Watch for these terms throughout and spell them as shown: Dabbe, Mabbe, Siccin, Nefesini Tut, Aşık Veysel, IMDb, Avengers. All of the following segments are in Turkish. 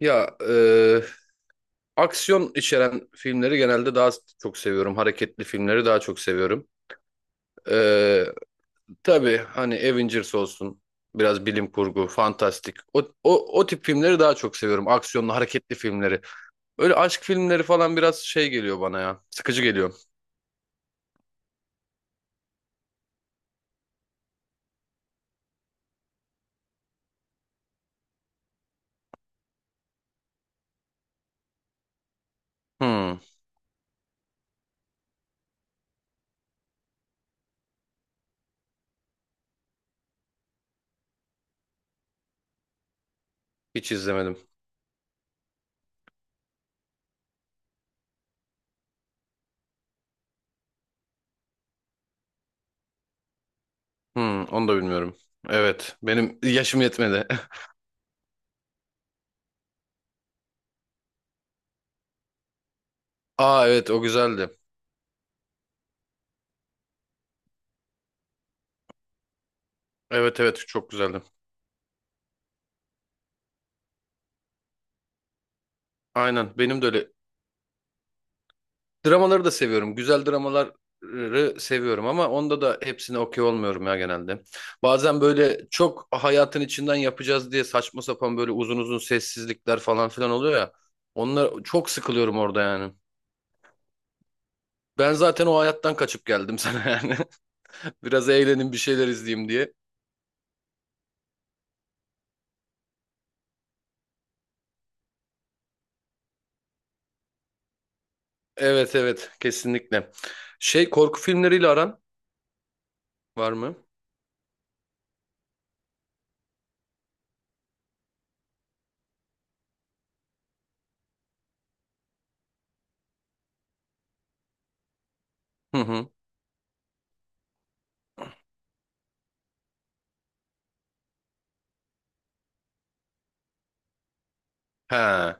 Ya aksiyon içeren filmleri genelde daha çok seviyorum. Hareketli filmleri daha çok seviyorum. E, tabii hani Avengers olsun, biraz bilim kurgu, fantastik. O tip filmleri daha çok seviyorum. Aksiyonlu, hareketli filmleri. Öyle aşk filmleri falan biraz şey geliyor bana ya. Sıkıcı geliyor. Hmm, hiç izlemedim. Hmm, onu da bilmiyorum. Evet, benim yaşım yetmedi. Aa evet o güzeldi. Evet evet çok güzeldi. Aynen benim de öyle. Dramaları da seviyorum. Güzel dramaları seviyorum ama onda da hepsine okey olmuyorum ya genelde. Bazen böyle çok hayatın içinden yapacağız diye saçma sapan böyle uzun uzun sessizlikler falan filan oluyor ya. Onlar çok sıkılıyorum orada yani. Ben zaten o hayattan kaçıp geldim sana yani. Biraz eğlenin bir şeyler izleyeyim diye. Evet evet kesinlikle. Şey korku filmleriyle aran var mı? Hı hı. He.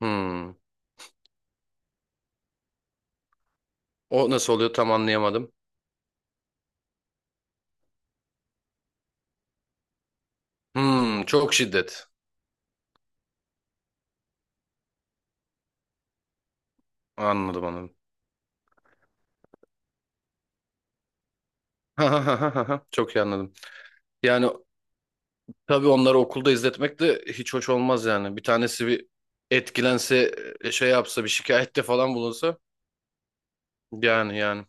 Hmm. O nasıl oluyor tam anlayamadım. Hmm, çok şiddet. Anladım anladım. Ha ha ha ha ha. Çok iyi anladım. Yani tabii onları okulda izletmek de hiç hoş olmaz yani. Bir tanesi bir etkilense, şey yapsa, bir şikayette falan bulunsa. Yani yani.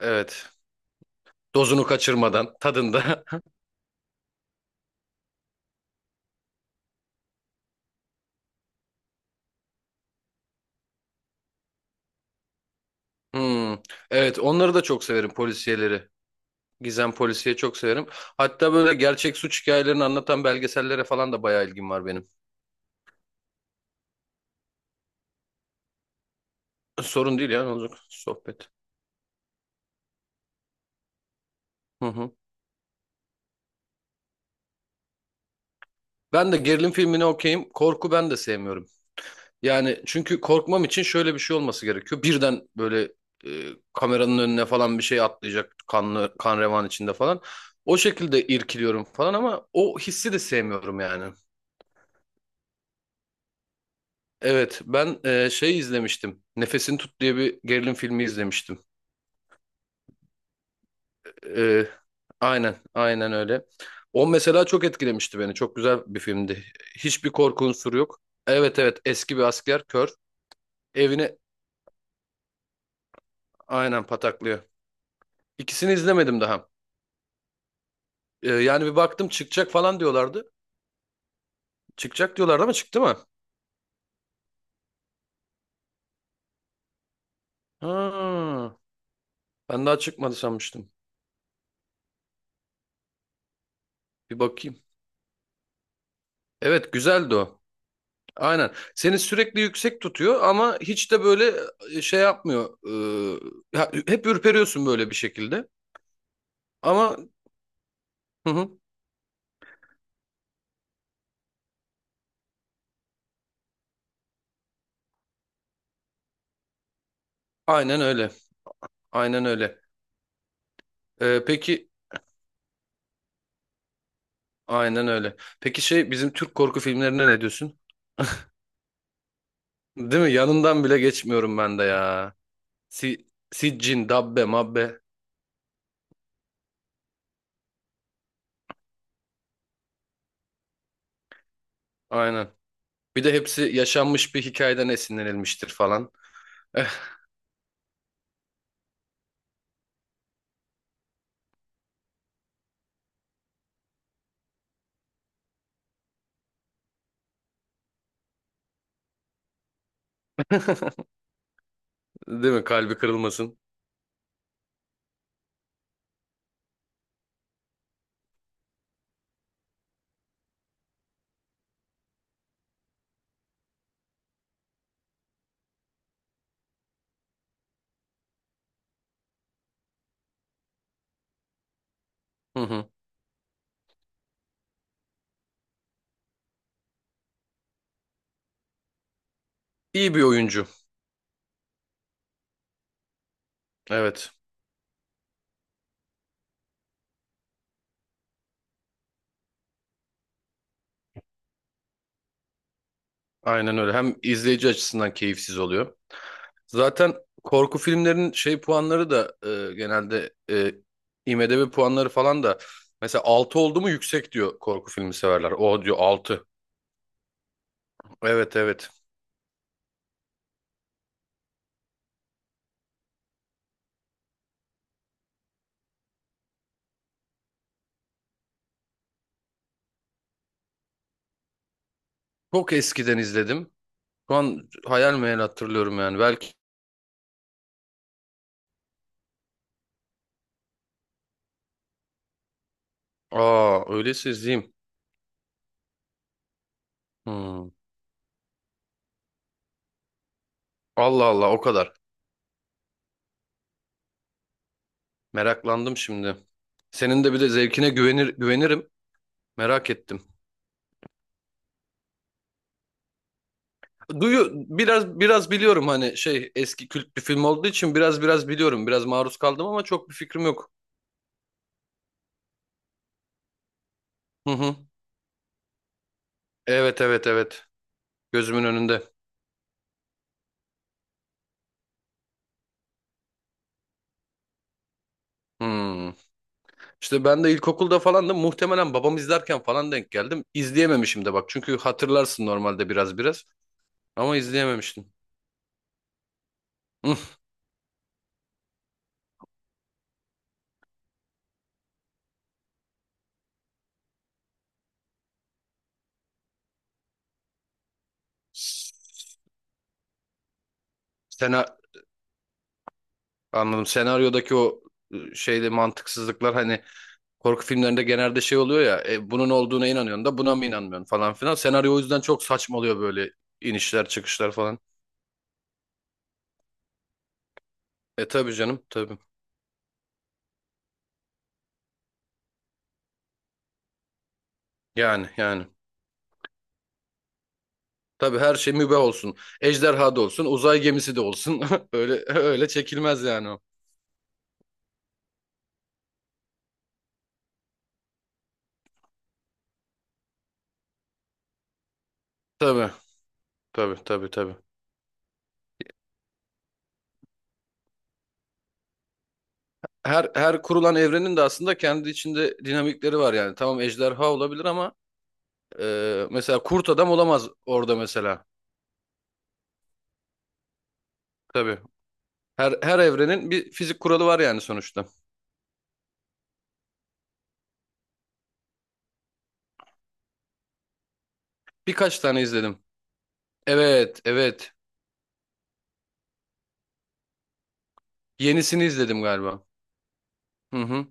Evet. Dozunu kaçırmadan, tadında. Hmm. Evet, onları da çok severim polisiyeleri. Gizem polisiye çok severim. Hatta böyle gerçek suç hikayelerini anlatan belgesellere falan da bayağı ilgim var benim. Sorun değil yani olacak sohbet. Hı hı. Ben de gerilim filmini okeyim. Korku ben de sevmiyorum. Yani çünkü korkmam için şöyle bir şey olması gerekiyor. Birden böyle kameranın önüne falan bir şey atlayacak kanlı kan revan içinde falan. O şekilde irkiliyorum falan ama o hissi de sevmiyorum yani. Evet ben şey izlemiştim. Nefesini Tut diye bir gerilim filmi izlemiştim. E, aynen aynen öyle. O mesela çok etkilemişti beni. Çok güzel bir filmdi. Hiçbir korku unsuru yok. Evet evet eski bir asker kör. Evini aynen pataklıyor. İkisini izlemedim daha. Yani bir baktım çıkacak falan diyorlardı. Çıkacak diyorlardı ama çıktı mı? Ha, ben daha çıkmadı sanmıştım. Bir bakayım. Evet güzeldi o. Aynen. Seni sürekli yüksek tutuyor ama hiç de böyle şey yapmıyor. Ya, hep ürperiyorsun böyle bir şekilde. Ama hı hı, aynen öyle. Aynen öyle. Peki aynen öyle. Peki şey bizim Türk korku filmlerine ne diyorsun? Değil mi? Yanından bile geçmiyorum ben de ya. Siccin, Dabbe, Mabbe. Aynen. Bir de hepsi yaşanmış bir hikayeden esinlenilmiştir falan. Eh, değil mi? Kalbi kırılmasın. Hı hı. İyi bir oyuncu. Evet. Aynen öyle. Hem izleyici açısından keyifsiz oluyor. Zaten korku filmlerinin şey puanları da genelde IMDb puanları falan da mesela 6 oldu mu yüksek diyor korku filmi severler. O diyor 6. Evet evet. Çok eskiden izledim. Şu an hayal meyal hatırlıyorum yani. Belki aa öyleyse izleyeyim. Hmm. Allah Allah o kadar. Meraklandım şimdi. Senin de bir de zevkine güvenir güvenirim. Merak ettim. Biraz biraz biliyorum hani şey eski kült bir film olduğu için biraz biraz biliyorum. Biraz maruz kaldım ama çok bir fikrim yok. Hı hı. Evet evet evet. Gözümün önünde. Hmm. İşte ben de ilkokulda falan da muhtemelen babam izlerken falan denk geldim. İzleyememişim de bak. Çünkü hatırlarsın normalde biraz biraz ama izleyememiştim. Hı. Sena anladım. Senaryodaki o şeyde mantıksızlıklar hani. Korku filmlerinde genelde şey oluyor ya bunun olduğuna inanıyorsun da buna mı inanmıyorsun falan filan. Senaryo o yüzden çok saçma oluyor böyle inişler çıkışlar falan. E tabii canım tabii. Yani yani. Tabii her şey mübah olsun. Ejderha da olsun, uzay gemisi de olsun. Öyle öyle çekilmez yani o. Tabii tabii tabii tabii. Her her kurulan evrenin de aslında kendi içinde dinamikleri var yani. Tamam ejderha olabilir ama mesela kurt adam olamaz orada mesela. Tabii. Her her evrenin bir fizik kuralı var yani sonuçta. Birkaç tane izledim. Evet, evet. Yenisini izledim galiba. Hı hı.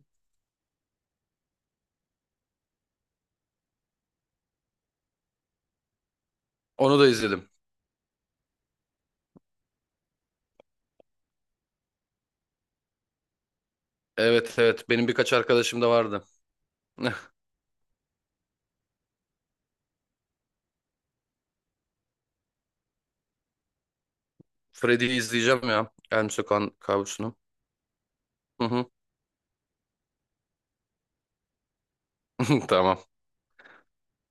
Onu da izledim. Evet, evet. Benim birkaç arkadaşım da vardı. Freddy'yi izleyeceğim ya. Elm Sokağın Kabusu'nu. Hı hı. Tamam.